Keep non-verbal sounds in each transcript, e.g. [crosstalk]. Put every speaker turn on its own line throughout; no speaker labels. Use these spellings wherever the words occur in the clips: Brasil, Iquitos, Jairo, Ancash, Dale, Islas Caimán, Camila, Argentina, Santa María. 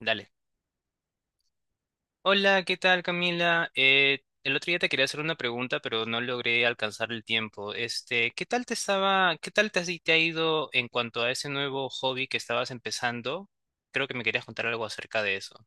Dale. Hola, ¿qué tal, Camila? El otro día te quería hacer una pregunta, pero no logré alcanzar el tiempo. ¿Qué tal te estaba, qué tal te, has- te ha ido en cuanto a ese nuevo hobby que estabas empezando? Creo que me querías contar algo acerca de eso.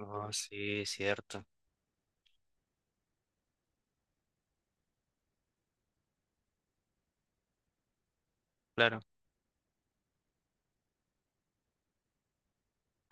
Oh, sí, es cierto. Claro.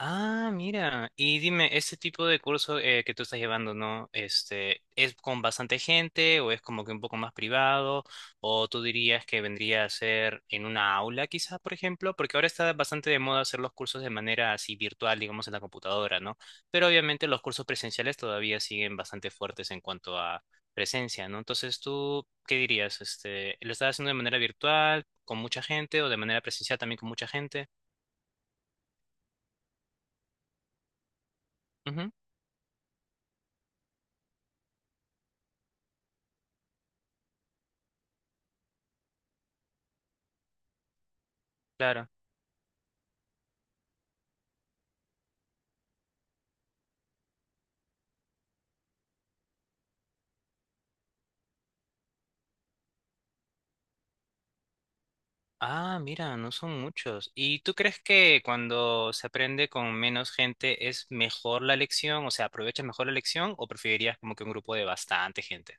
Ah, mira. Y dime, ¿este tipo de curso que tú estás llevando, ¿no? ¿Es con bastante gente o es como que un poco más privado? ¿O tú dirías que vendría a ser en una aula quizás, por ejemplo? Porque ahora está bastante de moda hacer los cursos de manera así virtual, digamos, en la computadora, ¿no? Pero obviamente los cursos presenciales todavía siguen bastante fuertes en cuanto a presencia, ¿no? Entonces, ¿tú qué dirías? ¿Lo estás haciendo de manera virtual, con mucha gente o de manera presencial también con mucha gente? Ujú, claro. Ah, mira, no son muchos. ¿Y tú crees que cuando se aprende con menos gente es mejor la lección? O sea, ¿aprovechas mejor la lección o preferirías como que un grupo de bastante gente?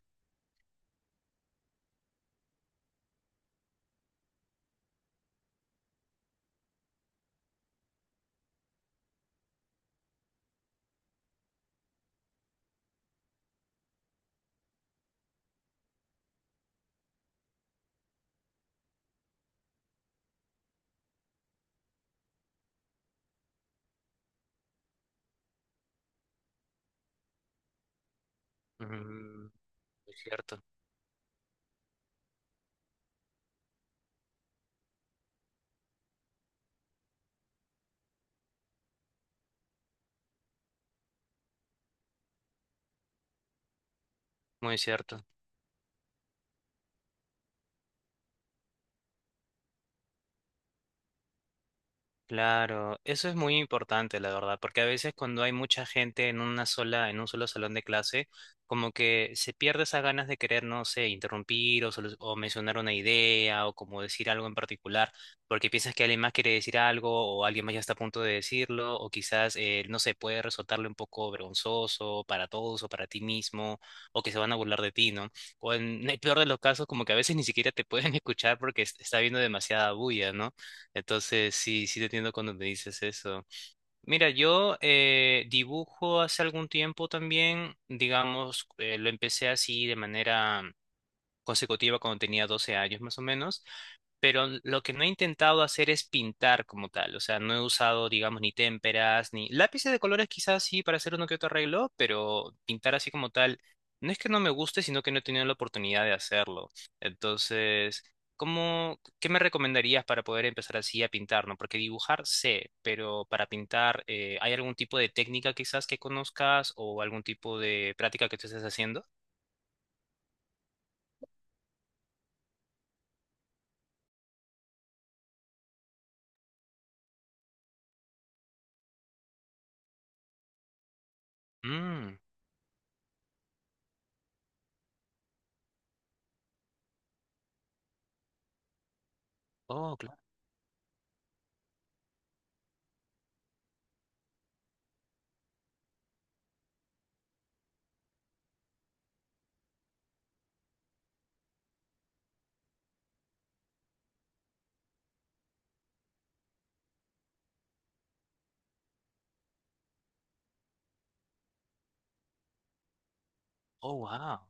Mm, muy cierto, muy cierto. Claro, eso es muy importante, la verdad, porque a veces cuando hay mucha gente en una sola, en un solo salón de clase, como que se pierde esas ganas de querer, no sé, interrumpir o, o mencionar una idea o como decir algo en particular, porque piensas que alguien más quiere decir algo o alguien más ya está a punto de decirlo o quizás, no sé, puede resultarle un poco vergonzoso para todos o para ti mismo o que se van a burlar de ti, ¿no? O en el peor de los casos, como que a veces ni siquiera te pueden [laughs] escuchar porque está habiendo demasiada bulla, ¿no? Entonces, sí, sí te entiendo cuando me dices eso. Mira, yo dibujo hace algún tiempo también, digamos, lo empecé así de manera consecutiva cuando tenía 12 años más o menos, pero lo que no he intentado hacer es pintar como tal, o sea, no he usado, digamos, ni témperas, ni lápices de colores quizás sí para hacer uno que otro arreglo, pero pintar así como tal, no es que no me guste, sino que no he tenido la oportunidad de hacerlo. Entonces, ¿cómo, qué me recomendarías para poder empezar así a pintar, no? Porque dibujar sé, pero para pintar, ¿hay algún tipo de técnica quizás que conozcas o algún tipo de práctica que tú estés haciendo? Mm, oh, claro, oh, wow.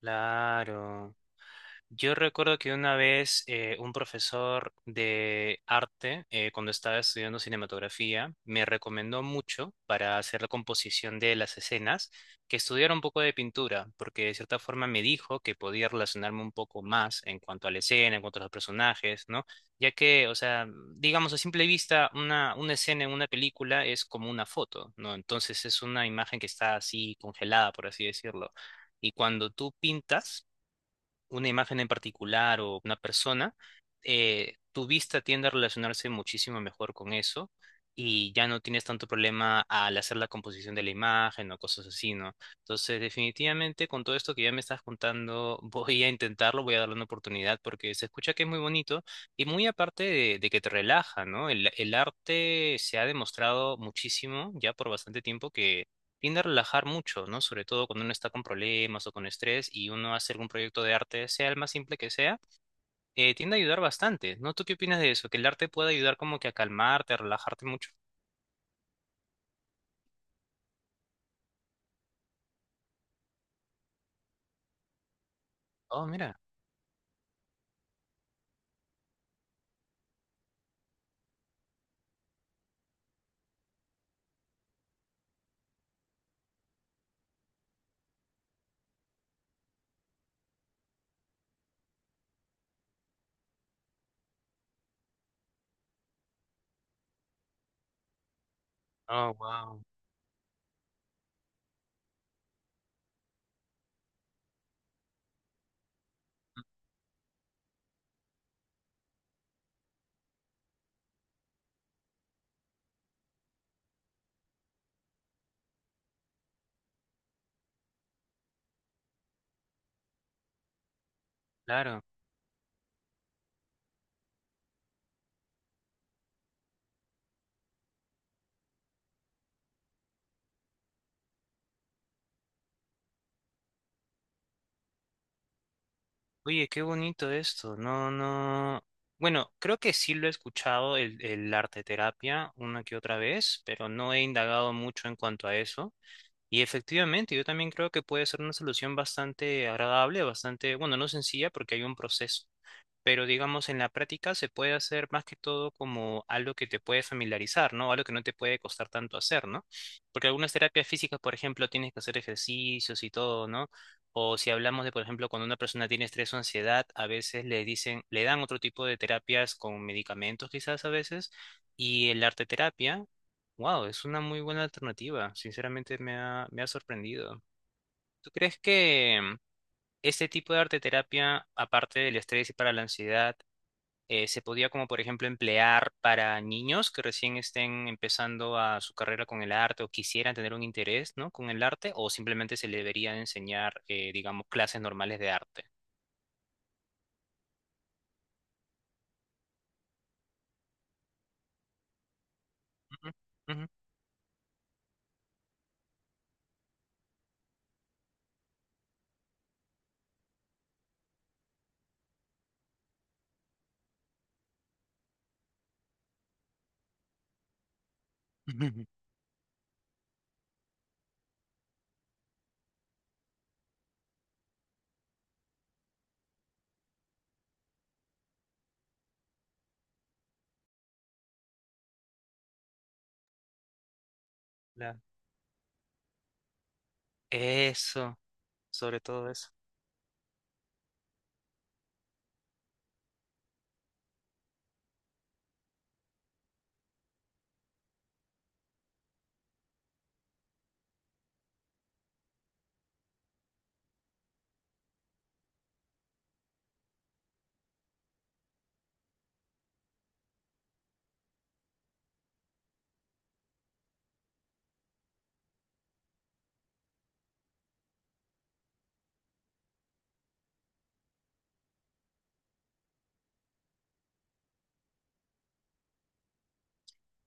Claro. Yo recuerdo que una vez un profesor de arte, cuando estaba estudiando cinematografía, me recomendó mucho para hacer la composición de las escenas que estudiara un poco de pintura, porque de cierta forma me dijo que podía relacionarme un poco más en cuanto a la escena, en cuanto a los personajes, ¿no? Ya que, o sea, digamos a simple vista, una escena en una película es como una foto, ¿no? Entonces es una imagen que está así congelada, por así decirlo. Y cuando tú pintas, una imagen en particular o una persona, tu vista tiende a relacionarse muchísimo mejor con eso y ya no tienes tanto problema al hacer la composición de la imagen o cosas así, ¿no? Entonces, definitivamente con todo esto que ya me estás contando, [laughs] voy a intentarlo, voy a darle una oportunidad porque se escucha que es muy bonito y muy aparte de que te relaja, ¿no? El arte se ha demostrado muchísimo ya por bastante tiempo que tiende a relajar mucho, ¿no? Sobre todo cuando uno está con problemas o con estrés y uno hace algún proyecto de arte, sea el más simple que sea, tiende a ayudar bastante, ¿no? ¿Tú qué opinas de eso? ¿Que el arte puede ayudar como que a calmarte, a relajarte mucho? Oh, mira. Oh, wow. Claro. Oye, qué bonito esto. No, no. Bueno, creo que sí lo he escuchado el arte terapia una que otra vez, pero no he indagado mucho en cuanto a eso. Y efectivamente, yo también creo que puede ser una solución bastante agradable, bastante, bueno, no sencilla porque hay un proceso, pero digamos en la práctica se puede hacer más que todo como algo que te puede familiarizar, ¿no? Algo que no te puede costar tanto hacer, ¿no? Porque algunas terapias físicas, por ejemplo, tienes que hacer ejercicios y todo, ¿no? O si hablamos de, por ejemplo, cuando una persona tiene estrés o ansiedad, a veces le dicen, le dan otro tipo de terapias con medicamentos quizás a veces, y el arte terapia, wow, es una muy buena alternativa, sinceramente me ha sorprendido. ¿Tú crees que este tipo de arte terapia, aparte del estrés y para la ansiedad, se podía como por ejemplo emplear para niños que recién estén empezando a su carrera con el arte o quisieran tener un interés, ¿no? ¿Con el arte o simplemente se le debería enseñar, digamos, clases normales de arte? Ujú, ujú, ujú. [laughs] La- Eso, sobre todo eso.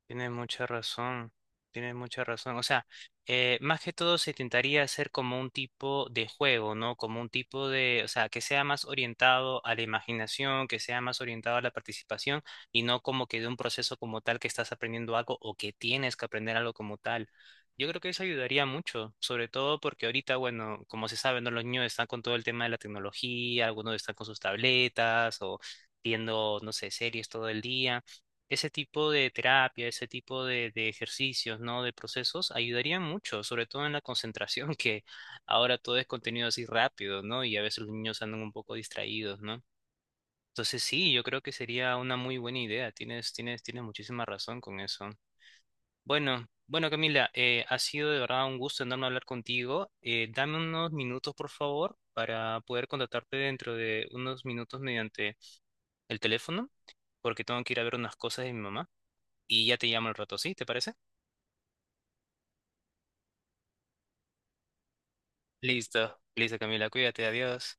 Tienes mucha razón, tienes mucha razón. O sea, más que todo se intentaría hacer como un tipo de juego, ¿no? Como un tipo de, o sea, que sea más orientado a la imaginación, que sea más orientado a la participación, y no como que de un proceso como tal que estás aprendiendo algo o que tienes que aprender algo como tal. Yo creo que eso ayudaría mucho, sobre todo porque ahorita, bueno, como se sabe, ¿no? Los niños están con todo el tema de la tecnología, algunos están con sus tabletas o viendo, no sé, series todo el día. Ese tipo de terapia, ese tipo de ejercicios, ¿no? De procesos ayudarían mucho, sobre todo en la concentración, [laughs] que ahora todo es contenido así rápido, ¿no? Y a veces los niños andan un poco distraídos, ¿no? Entonces sí, yo creo que sería una muy buena idea. Tienes muchísima razón con eso. Bueno, bueno, Camila, ha sido de verdad un gusto enorme hablar contigo. Dame unos minutos, por favor, para poder contactarte dentro de unos minutos mediante el teléfono, porque tengo que ir a ver unas cosas de mi mamá y ya te llamo al rato, ¿sí? ¿Te parece? Listo, listo, Camila, cuídate, adiós.